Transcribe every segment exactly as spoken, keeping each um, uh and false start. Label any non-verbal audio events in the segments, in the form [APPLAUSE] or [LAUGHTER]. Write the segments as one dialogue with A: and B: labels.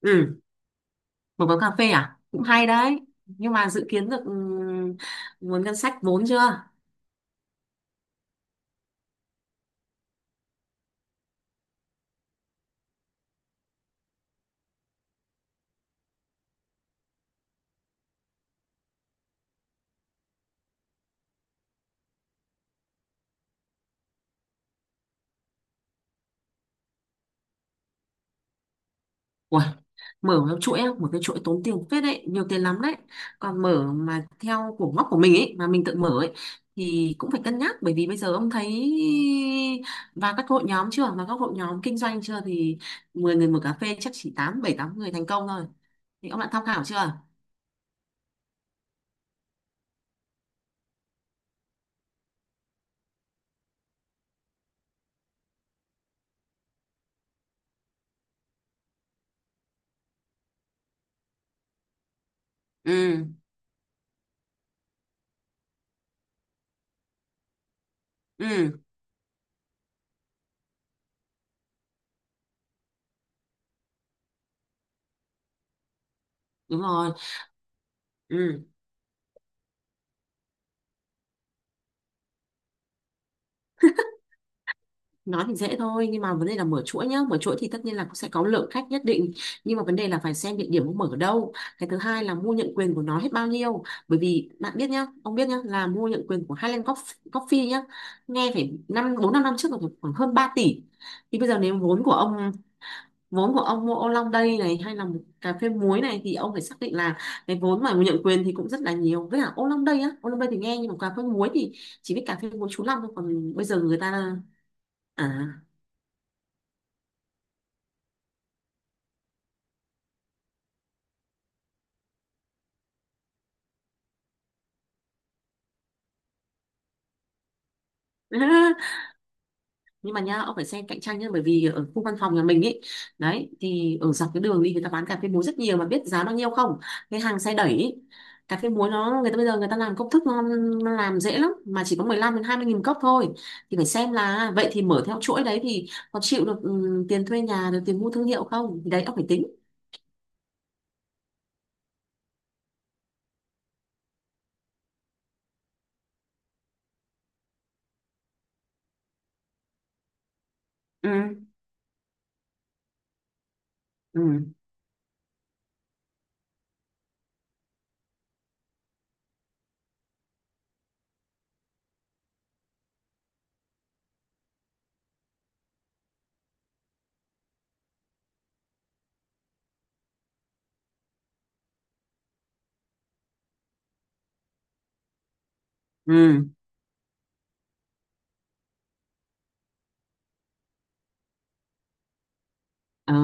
A: Ừ, một quán cà phê à? Cũng hay đấy. Nhưng mà dự kiến được ừm, nguồn ngân sách vốn chưa? Ui, mở theo chuỗi, á, một cái chuỗi tốn tiền phết đấy, nhiều tiền lắm đấy. Còn mở mà theo của ngóc của mình ấy, mà mình tự mở ấy, thì cũng phải cân nhắc bởi vì bây giờ ông thấy và các hội nhóm chưa, và các hội nhóm kinh doanh chưa thì mười người mở cà phê chắc chỉ tám bảy tám người thành công thôi. Thì ông đã tham khảo chưa? Ừ, ừ, đúng rồi. Ừ. Nói thì dễ thôi nhưng mà vấn đề là mở chuỗi nhá, mở chuỗi thì tất nhiên là cũng sẽ có lượng khách nhất định, nhưng mà vấn đề là phải xem địa điểm ông mở ở đâu. Cái thứ hai là mua nhận quyền của nó hết bao nhiêu, bởi vì bạn biết nhá, ông biết nhá, là mua nhận quyền của Highland Coff- Coffee nhá, nghe phải năm bốn năm năm trước là khoảng hơn ba tỷ. Thì bây giờ nếu vốn của ông, vốn của ông mua ô long đây này hay là một cà phê muối này thì ông phải xác định là cái vốn mà nhận quyền thì cũng rất là nhiều. Với cả ô long đây á, ô long đây thì nghe, nhưng mà cà phê muối thì chỉ biết cà phê muối chú Long thôi, còn bây giờ người ta à. [LAUGHS] Nhưng mà nha, ông phải xem cạnh tranh nhá, bởi vì ở khu văn phòng nhà mình ấy, đấy, thì ở dọc cái đường đi người ta bán cà phê muối rất nhiều mà biết giá bao nhiêu không? Cái hàng xe đẩy ý, cà phê muối nó người ta bây giờ người ta làm công thức nó, nó làm dễ lắm, mà chỉ có mười lăm đến hai mươi nghìn cốc thôi. Thì phải xem là vậy thì mở theo chuỗi đấy thì có chịu được ừ, tiền thuê nhà được tiền mua thương hiệu không, thì đấy ông phải tính. Ừ, ừ, ừ.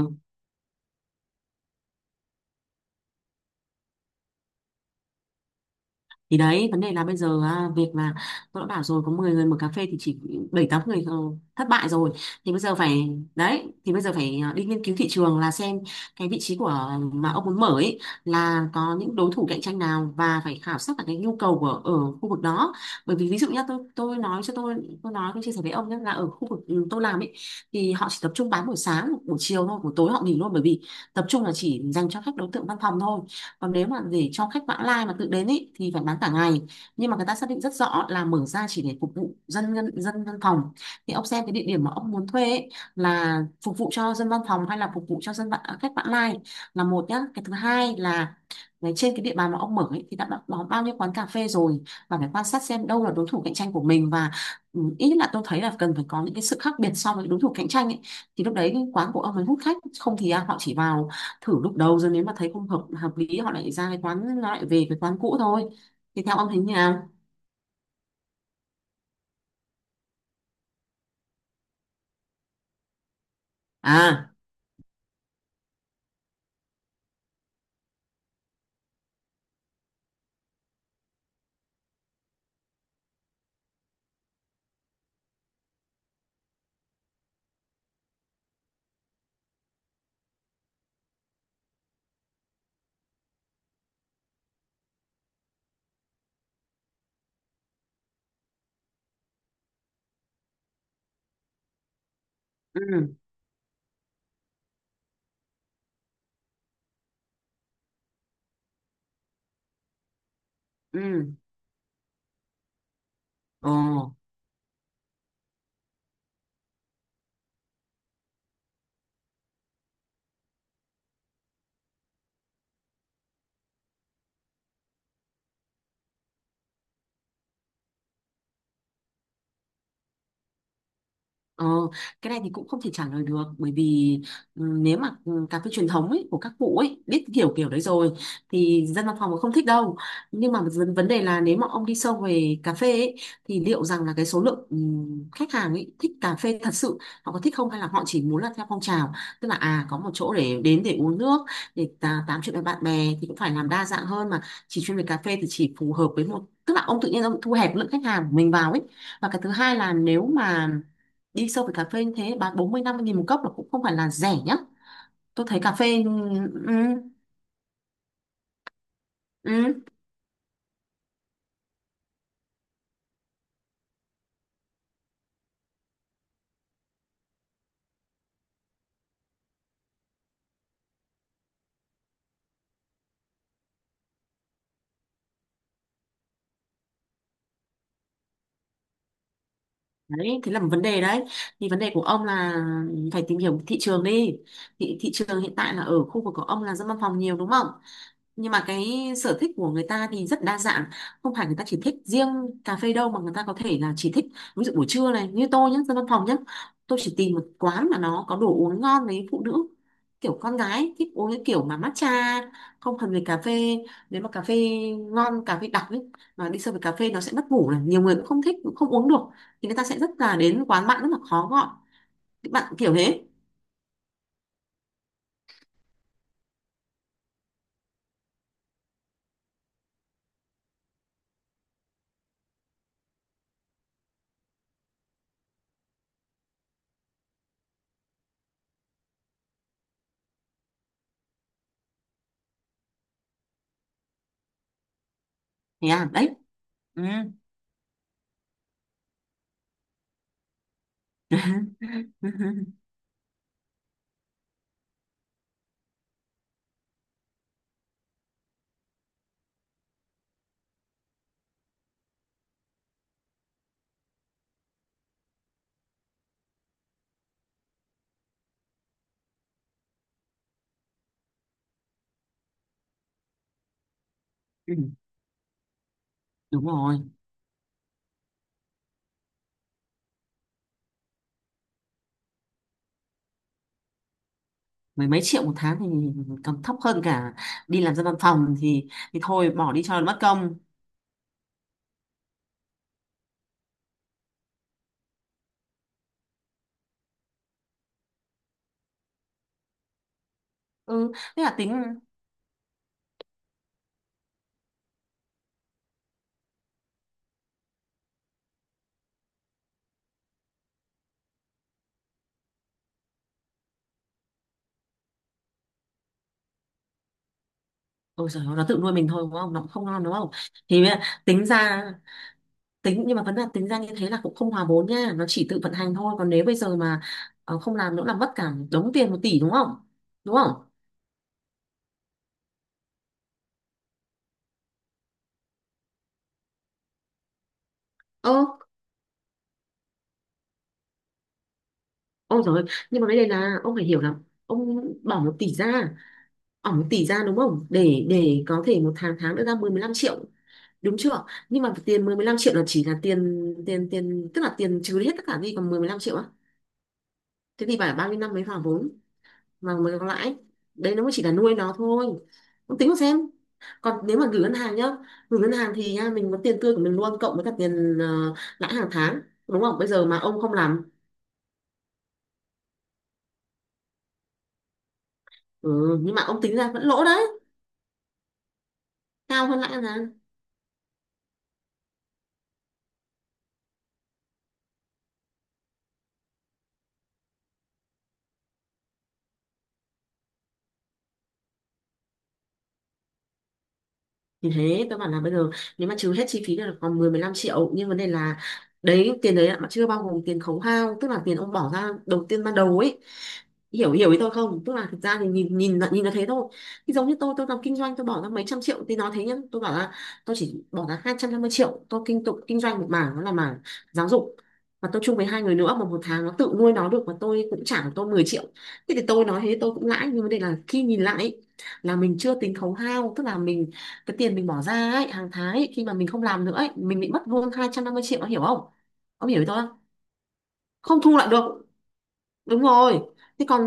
A: Thì đấy, vấn đề là bây giờ à, việc là tôi đã bảo rồi, có mười người mở cà phê thì chỉ bảy tám người ờ, thất bại rồi. Thì bây giờ phải, đấy thì bây giờ phải à, đi nghiên cứu thị trường là xem cái vị trí của mà ông muốn mở ấy, là có những đối thủ cạnh tranh nào, và phải khảo sát cả cái nhu cầu của ở khu vực đó. Bởi vì ví dụ nhá, tôi tôi nói cho tôi tôi nói, tôi chia sẻ với ông nhé, là ở khu vực ừ, tôi làm ấy, thì họ chỉ tập trung bán buổi sáng buổi chiều thôi, buổi tối họ nghỉ luôn, bởi vì tập trung là chỉ dành cho khách đối tượng văn phòng thôi. Còn nếu mà để cho khách vãng lai mà tự đến ý, thì phải bán cả ngày, nhưng mà người ta xác định rất rõ là mở ra chỉ để phục vụ dân dân dân văn phòng. Thì ông xem cái địa điểm mà ông muốn thuê ý, là phục vụ cho dân văn phòng hay là phục vụ cho dân vãng, khách vãng lai, là một nhá. Cái thứ hai là đấy, trên cái địa bàn mà ông mở ấy, thì đã có bao nhiêu quán cà phê rồi, và phải quan sát xem đâu là đối thủ cạnh tranh của mình. Và ừ, ít nhất là tôi thấy là cần phải có những cái sự khác biệt so với đối thủ cạnh tranh ấy, thì lúc đấy quán của ông mới hút khách. Không thì à, họ chỉ vào thử lúc đầu, rồi nếu mà thấy không hợp hợp lý họ lại ra cái quán, nó lại về cái quán cũ thôi. Thì theo ông thấy như nào? À, ừ, ừ, ồ. Ờ, cái này thì cũng không thể trả lời được, bởi vì ừ, nếu mà ừ, cà phê truyền thống ấy, của các cụ ấy biết kiểu kiểu đấy rồi, thì dân văn phòng cũng không thích đâu. Nhưng mà vấn vấn đề là nếu mà ông đi sâu về cà phê ấy, thì liệu rằng là cái số lượng ừ, khách hàng ấy thích cà phê thật sự họ có thích không, hay là họ chỉ muốn là theo phong trào, tức là à có một chỗ để đến để uống nước, để tà- tám chuyện với bạn bè. Thì cũng phải làm đa dạng hơn, mà chỉ chuyên về cà phê thì chỉ phù hợp với một, tức là ông tự nhiên ông thu hẹp lượng khách hàng của mình vào ấy. Và cái thứ hai là nếu mà đi sâu về cà phê như thế bán bốn mươi năm mươi nghìn một cốc là cũng không phải là rẻ nhá. Tôi thấy cà phê ừ, ừ. Ừ. Đấy thế là một vấn đề đấy. Thì vấn đề của ông là phải tìm hiểu thị trường đi. Thị, thị trường hiện tại là ở khu vực của ông là dân văn phòng nhiều đúng không? Nhưng mà cái sở thích của người ta thì rất đa dạng, không phải người ta chỉ thích riêng cà phê đâu, mà người ta có thể là chỉ thích, ví dụ buổi trưa này như tôi nhé, dân văn phòng nhé, tôi chỉ tìm một quán mà nó có đồ uống ngon. Với phụ nữ kiểu con gái thích uống cái kiểu mà matcha, không cần về cà phê. Nếu mà cà phê ngon, cà phê đặc ấy, mà đi sâu về cà phê nó sẽ mất ngủ này, nhiều người cũng không thích, cũng không uống được, thì người ta sẽ rất là đến quán bạn rất là khó gọi cái bạn kiểu thế. Thế à, đấy. Ừ. [LAUGHS] Ừ, đúng rồi, mười mấy triệu một tháng thì còn thấp hơn cả đi làm ra văn phòng thì thì thôi bỏ đi cho nó mất công. Ừ, thế là tính. Ôi trời ơi, nó tự nuôi mình thôi đúng không, nó cũng không ngon đúng không? Thì bây giờ tính ra, tính nhưng mà vấn đề tính ra như thế là cũng không hòa vốn nha, nó chỉ tự vận hành thôi. Còn nếu bây giờ mà ờ, không làm nữa là mất cả đống tiền một tỷ đúng không? Đúng không? Ơ. Ôi trời, nhưng mà vấn đề là ông phải hiểu là ông bỏ một tỷ ra, bỏ một tỷ ra đúng không, để để có thể một tháng, tháng nữa ra mười 15 triệu, đúng chưa? Nhưng mà tiền mười, mười 15 triệu là chỉ là tiền tiền tiền tức là tiền trừ đi hết tất cả đi còn mười, mười 15 triệu á. Thế thì phải bao nhiêu năm mới vào vốn và mới có lãi. Đấy nó mới chỉ là nuôi nó thôi. Ông tính mà xem. Còn nếu mà gửi ngân hàng nhá, gửi ngân hàng thì nha mình có tiền tươi của mình luôn cộng với cả tiền ờ, lãi hàng tháng, đúng không? Bây giờ mà ông không làm, ừ, nhưng mà ông tính ra vẫn lỗ đấy, cao hơn lãi ngân hàng. Thì thế tôi bảo là bây giờ nếu mà trừ hết chi phí thì là còn mười 15 triệu, nhưng vấn đề là đấy tiền đấy mà chưa bao gồm tiền khấu hao, tức là tiền ông bỏ ra đầu tiên ban đầu ấy, hiểu, hiểu ý tôi không? Tức là thực ra thì nhìn, nhìn là- nhìn là thế thôi. Thì giống như tôi tôi làm kinh doanh, tôi bỏ ra mấy trăm triệu thì nó thế nhá, tôi bảo là tôi chỉ bỏ ra hai trăm năm mươi triệu, tôi kinh tục kinh doanh một mảng, đó là mảng giáo dục, và tôi chung với hai người nữa, mà một tháng nó tự nuôi nó được, và tôi cũng trả được tôi mười triệu. Thế thì tôi nói thế tôi cũng lãi, nhưng vấn đề là khi nhìn lại ấy, là mình chưa tính khấu hao, tức là mình cái tiền mình bỏ ra ấy, hàng tháng ấy, khi mà mình không làm nữa ấy, mình bị mất luôn hai trăm năm mươi triệu, ông hiểu không? Ông hiểu ý tôi không? Không thu lại được. Đúng rồi. Thế còn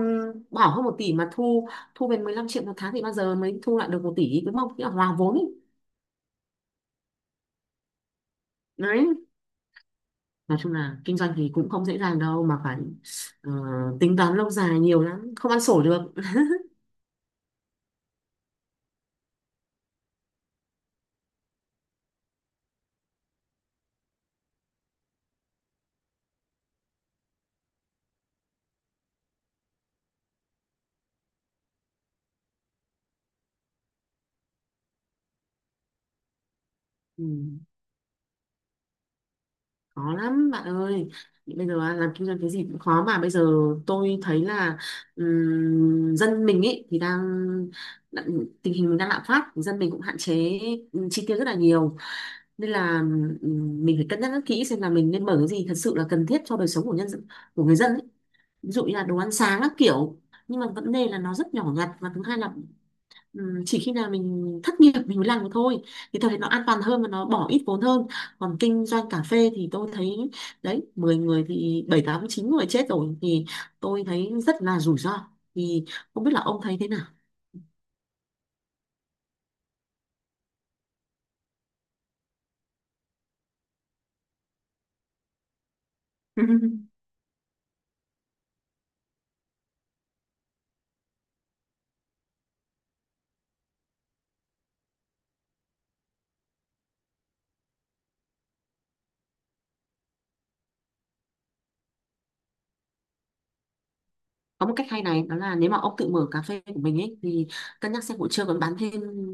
A: bỏ hơn một tỷ mà thu, thu về mười lăm triệu một tháng thì bao giờ mới thu lại được một tỷ, đúng không? Nghĩa là hòa vốn ấy. Đấy, nói chung là kinh doanh thì cũng không dễ dàng đâu, mà phải ờ, tính toán lâu dài nhiều lắm, không ăn sổ được. Ừ. Khó lắm bạn ơi. Bây giờ á, làm kinh doanh cái gì cũng khó. Mà bây giờ tôi thấy là ừm, dân mình ấy thì đang, đã- tình hình đang lạm phát, dân mình cũng hạn chế ừm, chi tiêu rất là nhiều, nên là ừm, mình phải cân nhắc rất kỹ xem là mình nên mở cái gì thật sự là cần thiết cho đời sống của nhân dân, của người dân ấy. Ví dụ như là đồ ăn sáng các kiểu, nhưng mà vấn đề là nó rất nhỏ nhặt. Và thứ hai là ừ, chỉ khi nào mình thất nghiệp mình mới làm được thôi, thì tôi thấy nó an toàn hơn và nó bỏ ít vốn hơn. Còn kinh doanh cà phê thì tôi thấy, đấy, mười người thì bảy tám chín người chết rồi, thì tôi thấy rất là rủi ro. Thì không biết là ông thấy thế nào? [LAUGHS] Có một cách hay này, đó là nếu mà ông tự mở cà phê của mình ấy, thì cân nhắc xem buổi trưa còn bán thêm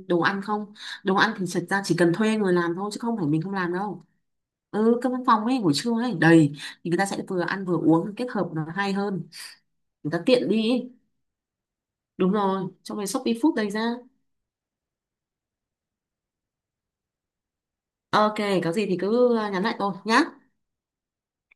A: đồ ăn không. Đồ ăn thì thật ra chỉ cần thuê người làm thôi, chứ không phải mình không làm đâu. Ừ, cái văn phòng ấy buổi trưa ấy đầy, thì người ta sẽ vừa ăn vừa uống, kết hợp nó hay hơn, người ta tiện đi ấy. Đúng rồi, trong cái Shopee Food đây ra. Ok, có gì thì cứ à, nhắn lại tôi nhá.